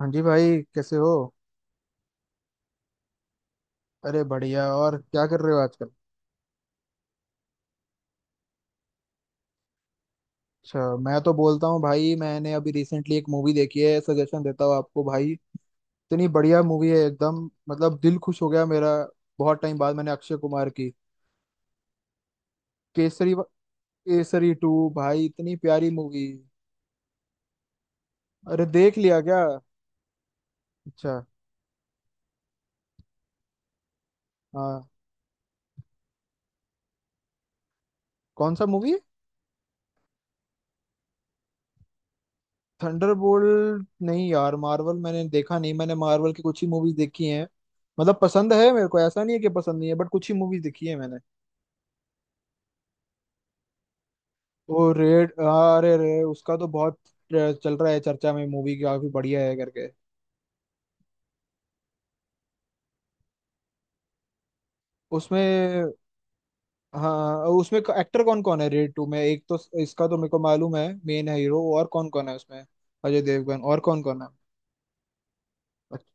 हाँ जी, भाई कैसे हो? अरे बढ़िया। और क्या कर रहे हो आजकल? अच्छा, मैं तो बोलता हूँ भाई, मैंने अभी रिसेंटली एक मूवी देखी है, सजेशन देता हूँ आपको भाई। इतनी बढ़िया मूवी है एकदम। मतलब दिल खुश हो गया मेरा। बहुत टाइम बाद मैंने अक्षय कुमार की, केसरी, केसरी टू, भाई इतनी प्यारी मूवी। अरे देख लिया क्या? अच्छा। हाँ। कौन सा मूवी? थंडरबोल्ट नहीं यार, मार्वल मैंने देखा नहीं, मैंने मार्वल की कुछ ही मूवीज देखी हैं। मतलब पसंद है मेरे को, ऐसा नहीं है कि पसंद नहीं है, बट कुछ ही मूवीज देखी है मैंने। वो रेड, हाँ, अरे रे उसका तो बहुत चल रहा है चर्चा में, मूवी काफी बढ़िया है करके। उसमें। हाँ उसमें एक्टर कौन कौन है रेड टू में? एक तो इसका तो मेरे को मालूम है, मेन है हीरो, और कौन कौन है उसमें? अजय देवगन, और कौन कौन है? अच्छा।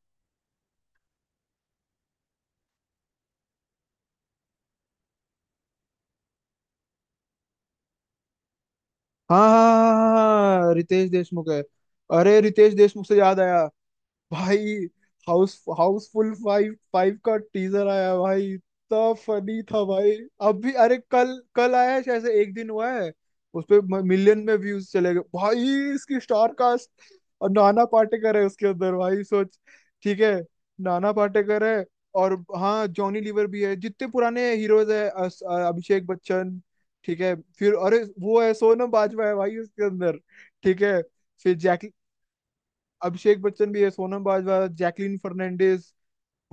हाँ हाँ हाँ हाँ, हाँ, हाँ, रितेश देशमुख है। अरे रितेश देशमुख से याद आया भाई, हाउस हाउसफुल फाइव फाइव का टीजर आया भाई, इतना फनी था भाई। अभी अरे, कल कल आया है, शायद से एक दिन हुआ है। उस पे मिलियन में व्यूज चले गए भाई। इसकी स्टार कास्ट। और नाना पाटेकर है उसके अंदर भाई, सोच। ठीक है। नाना पाटेकर है। और हाँ जॉनी लीवर भी है, जितने पुराने हीरोज है, अभिषेक बच्चन। ठीक है। फिर अरे वो है, सोनम बाजवा है भाई उसके अंदर। ठीक है। फिर जैक अभिषेक बच्चन भी है, सोनम बाजवा, जैकलीन फर्नांडिस,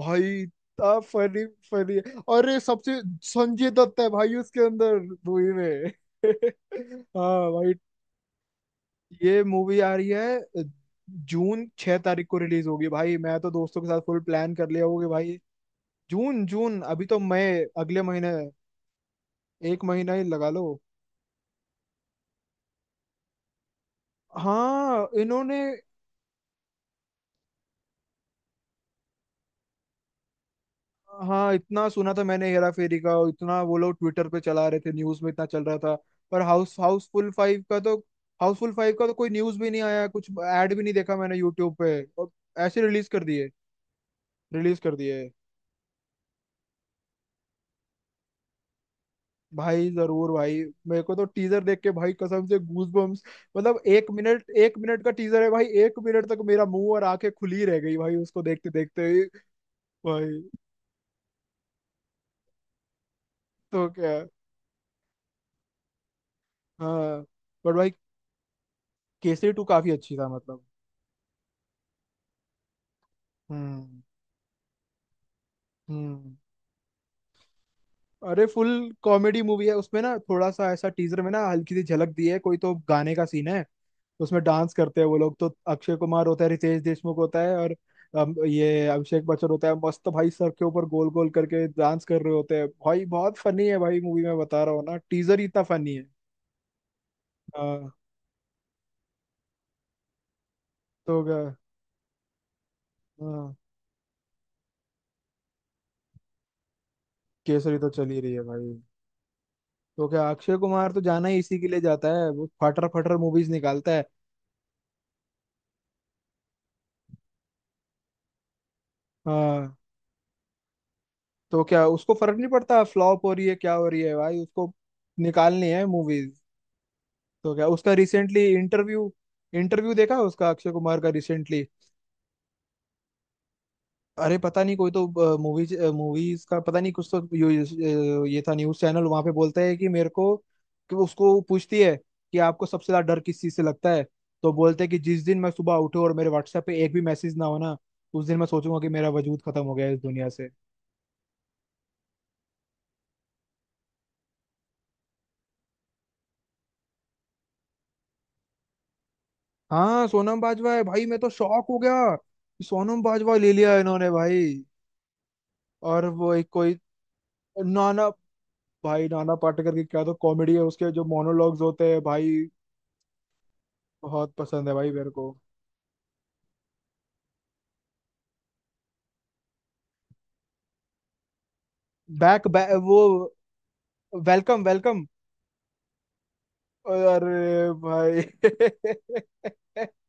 भाई इतना फनी। फनी है। और ये सबसे संजय दत्त है भाई उसके अंदर। मूवी में। हाँ भाई। ये मूवी आ रही है, जून 6 तारीख को रिलीज होगी भाई, मैं तो दोस्तों के साथ फुल प्लान कर लिया, होगी भाई। जून जून, अभी तो मई। अगले महीने है। एक महीना ही लगा लो। हाँ इन्होंने। हाँ, इतना सुना था मैंने हेरा फेरी का, और इतना वो लोग ट्विटर पे चला रहे थे, न्यूज में इतना चल रहा था। पर हाउसफुल फाइव का तो। हाउसफुल फाइव का तो कोई न्यूज भी नहीं आया, कुछ ऐड भी नहीं देखा मैंने यूट्यूब पे और। ऐसे रिलीज कर दिए। रिलीज कर दिए। भाई जरूर भाई। मेरे को तो टीजर देख के भाई कसम से गूज बम्स। मतलब एक मिनट का टीजर है भाई, एक मिनट तक मेरा मुंह और आंखें खुली रह गई भाई उसको देखते देखते ही। भाई। तो क्या? हाँ। पर भाई केसरी टू काफी अच्छी था मतलब। हम्म। हम्म। अरे फुल कॉमेडी मूवी है उसमें ना, थोड़ा सा ऐसा टीजर में ना हल्की सी झलक दी है, कोई तो गाने का सीन है। उसमें डांस करते हैं वो लोग, तो अक्षय कुमार होता है, रितेश देशमुख होता है, और ये अभिषेक बच्चन होता है, मस्त भाई सर के ऊपर गोल गोल करके डांस कर रहे होते हैं भाई, बहुत फनी है भाई मूवी, मैं बता रहा हूँ ना टीजर ही इतना फनी है। हाँ। तो क्या? हाँ, केसरी तो चल ही रही है भाई। तो क्या, अक्षय कुमार तो जाना ही इसी के लिए जाता है, वो फटर फटर मूवीज निकालता है। हाँ, तो क्या, उसको फर्क नहीं पड़ता फ्लॉप हो रही है क्या हो रही है भाई, उसको निकालनी है मूवीज। तो क्या, उसका रिसेंटली इंटरव्यू इंटरव्यू देखा उसका अक्षय कुमार का रिसेंटली। अरे पता नहीं, कोई तो मूवीज मूवीज का पता नहीं कुछ तो ये था न्यूज चैनल, वहां पे बोलता है कि मेरे को। कि वो उसको पूछती है। कि आपको सबसे ज्यादा डर किस चीज से लगता है? तो बोलते हैं कि जिस दिन मैं सुबह उठूं और मेरे व्हाट्सएप पे एक भी मैसेज ना हो ना, उस दिन मैं सोचूंगा कि मेरा वजूद खत्म हो गया है इस दुनिया से। हाँ, सोनम बाजवा है भाई, मैं तो शॉक हो गया कि सोनम बाजवा ले लिया है इन्होंने भाई। और वो एक कोई। नाना। भाई नाना पाटेकर की क्या तो कॉमेडी है, उसके जो मोनोलॉग्स होते हैं भाई। बहुत पसंद है भाई मेरे को। बैक, बैक वो वेलकम। वेलकम। अरे भाई।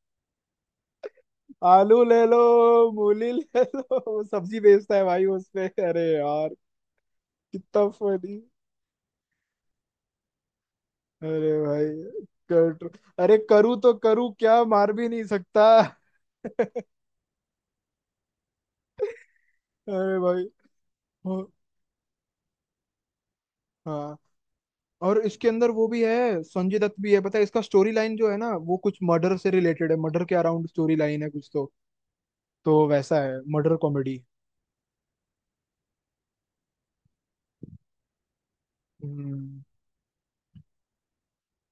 आलू ले लो। मूली ले लो, वो सब्जी बेचता है भाई उसपे, अरे यार। कितना funny। अरे भाई। कर अरे, करूँ तो करूँ क्या, मार भी नहीं सकता। अरे भाई वो- हाँ। और इसके अंदर वो भी है, संजय दत्त भी है, पता है इसका स्टोरी लाइन जो है ना वो कुछ मर्डर से रिलेटेड है, मर्डर के अराउंड स्टोरी लाइन है कुछ तो। तो वैसा है मर्डर कॉमेडी। हम्म।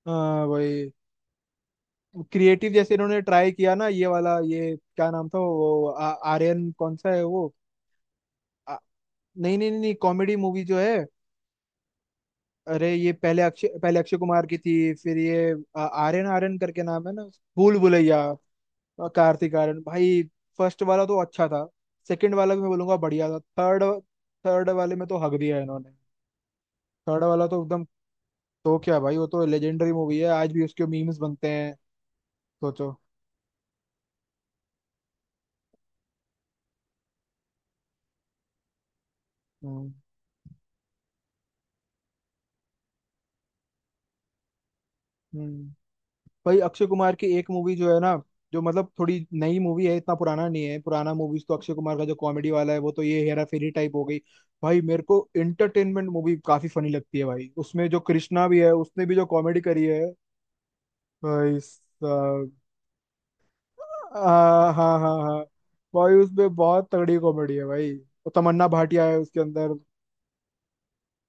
हाँ भाई। क्रिएटिव जैसे इन्होंने ट्राई किया ना ये वाला, ये क्या नाम था वो आर्यन, कौन सा है वो? आ, नहीं नहीं नहीं, कॉमेडी मूवी जो है। अरे ये पहले अक्षय कुमार की थी, फिर ये। आर्यन आर्यन करके नाम है ना। भूल भुलैया। और कार्तिक आर्यन भाई। फर्स्ट वाला तो अच्छा था। सेकंड वाला भी मैं बोलूंगा बढ़िया था, थर्ड। थर्ड वाले में तो हक दिया है इन्होंने। थर्ड वाला तो एकदम। तो क्या भाई, वो तो लेजेंडरी मूवी है, आज भी उसके मीम्स बनते हैं। सोचो। हम्म। हम्म। भाई अक्षय कुमार की एक मूवी जो है ना, जो मतलब थोड़ी नई मूवी है, इतना पुराना नहीं है, पुराना मूवीज तो अक्षय कुमार का जो कॉमेडी वाला है वो तो, ये हेरा फेरी टाइप हो गई। भाई मेरे को एंटरटेनमेंट मूवी काफी फनी लगती है भाई, उसमें जो कृष्णा भी है उसने भी जो कॉमेडी करी है। भाई साहब। हाँ हाँ हाँ हाँ। भाई उसमें बहुत तगड़ी कॉमेडी है भाई, वो तमन्ना भाटिया है उसके अंदर।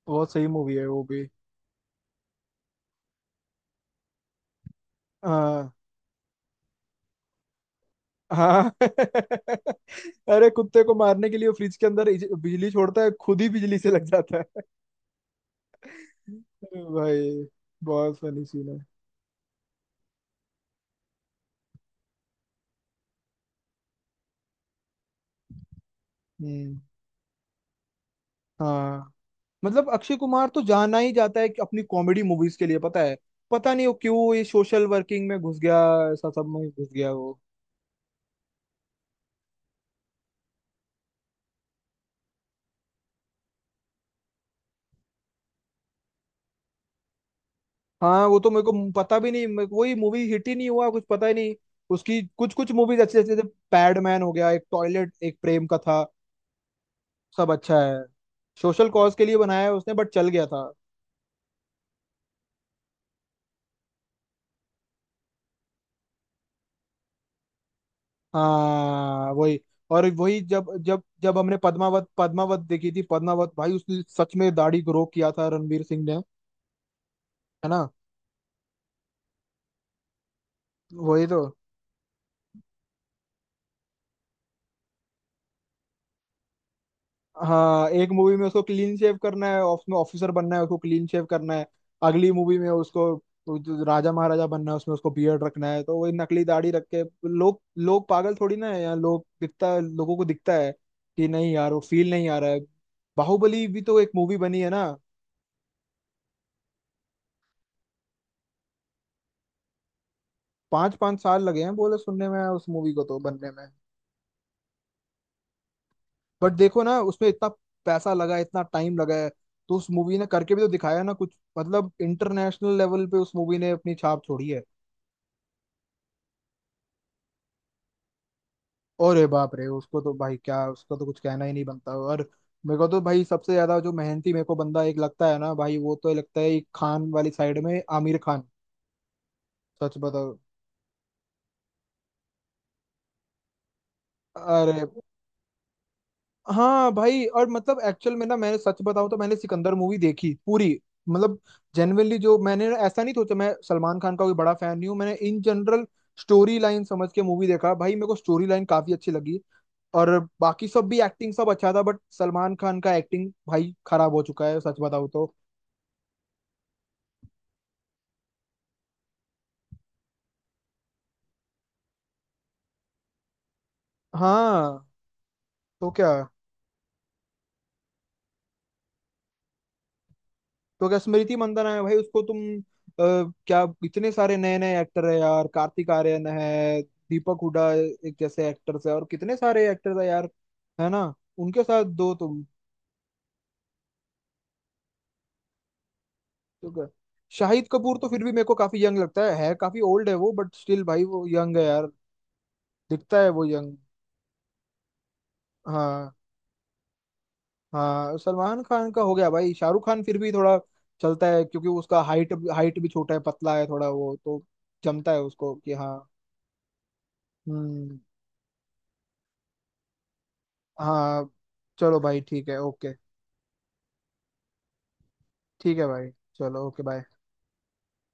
बहुत सही मूवी है वो भी। हाँ हाँ। अरे कुत्ते को मारने के लिए वो फ्रिज के अंदर बिजली छोड़ता है, खुद ही बिजली से लग जाता है। भाई। बहुत फनी सीन है। हम्म। हाँ मतलब अक्षय कुमार तो जाना ही जाता है कि अपनी कॉमेडी मूवीज के लिए पता है। पता नहीं वो क्यों ये सोशल वर्किंग में घुस गया। ऐसा सब में घुस गया वो। हाँ वो तो मेरे को पता भी नहीं, मेरे को वही मूवी हिट ही नहीं हुआ, कुछ पता ही नहीं। उसकी कुछ कुछ मूवीज अच्छी अच्छी, जैसे पैडमैन हो गया, एक टॉयलेट एक प्रेम का था। सब अच्छा है। सोशल कॉज के लिए बनाया है उसने, बट चल गया था। हाँ वही। और वही जब जब जब हमने पद्मावत पद्मावत देखी थी पद्मावत, भाई उसने सच में दाढ़ी ग्रो किया था रणवीर सिंह ने। है ना? वही तो। हाँ, एक मूवी में उसको क्लीन शेव करना है, उसमें ऑफिसर बनना है उसको क्लीन शेव करना है। अगली मूवी में उसको, वो जो राजा महाराजा बनना है उसमें उसको बियर्ड रखना है, तो वही नकली दाढ़ी रख के। लोग लोग पागल थोड़ी ना है यहाँ, लोग दिखता है, लोगों को दिखता है। कि नहीं यार, वो फील नहीं आ रहा है। बाहुबली भी तो एक मूवी बनी है ना। पांच पांच साल लगे हैं, बोले सुनने में, उस मूवी को तो बनने में। बट देखो ना, उसमें इतना पैसा लगा है, इतना टाइम लगा है। तो उस मूवी ने करके भी तो दिखाया ना कुछ, मतलब इंटरनेशनल लेवल पे उस मूवी ने अपनी छाप छोड़ी है। अरे बाप रे, उसको तो भाई क्या, उसको तो कुछ कहना ही नहीं बनता और। मेरे को तो भाई सबसे ज्यादा जो मेहनती मेरे को बंदा एक लगता है ना भाई, वो तो लगता है एक खान वाली साइड में आमिर खान। सच बताओ। अरे हाँ भाई, और मतलब एक्चुअल में ना, मैंने सच बताऊं तो मैंने सिकंदर मूवी देखी पूरी। मतलब, जेनुअनली जो मैंने ना, ऐसा नहीं सोचा, मैं सलमान खान का कोई बड़ा फैन नहीं हूँ, मैंने इन जनरल स्टोरी लाइन समझ के मूवी देखा भाई, मेरे को स्टोरी लाइन काफी अच्छी लगी। और बाकी सब भी एक्टिंग सब अच्छा था, बट सलमान खान का एक्टिंग भाई खराब हो चुका है सच बताऊं तो। हाँ। तो क्या? तो क्या, स्मृति मंदाना है भाई, उसको तुम क्या, इतने सारे नए नए एक्टर है यार, कार्तिक आर्यन है। दीपक हुडा एक जैसे एक्टर्स है, और कितने सारे एक्टर्स है यार। है ना? उनके साथ दो तुम। तो क्या, शाहिद कपूर तो फिर भी मेरे को काफी यंग लगता है काफी ओल्ड है वो बट स्टिल भाई वो यंग है यार। दिखता है वो यंग। हाँ हाँ, सलमान खान का हो गया भाई, शाहरुख खान फिर भी थोड़ा चलता है, क्योंकि उसका हाइट हाइट भी छोटा है, पतला है थोड़ा वो तो। जमता है उसको कि हाँ। हम्म। हाँ चलो भाई, ठीक है ओके। ठीक है भाई। चलो ओके बाय।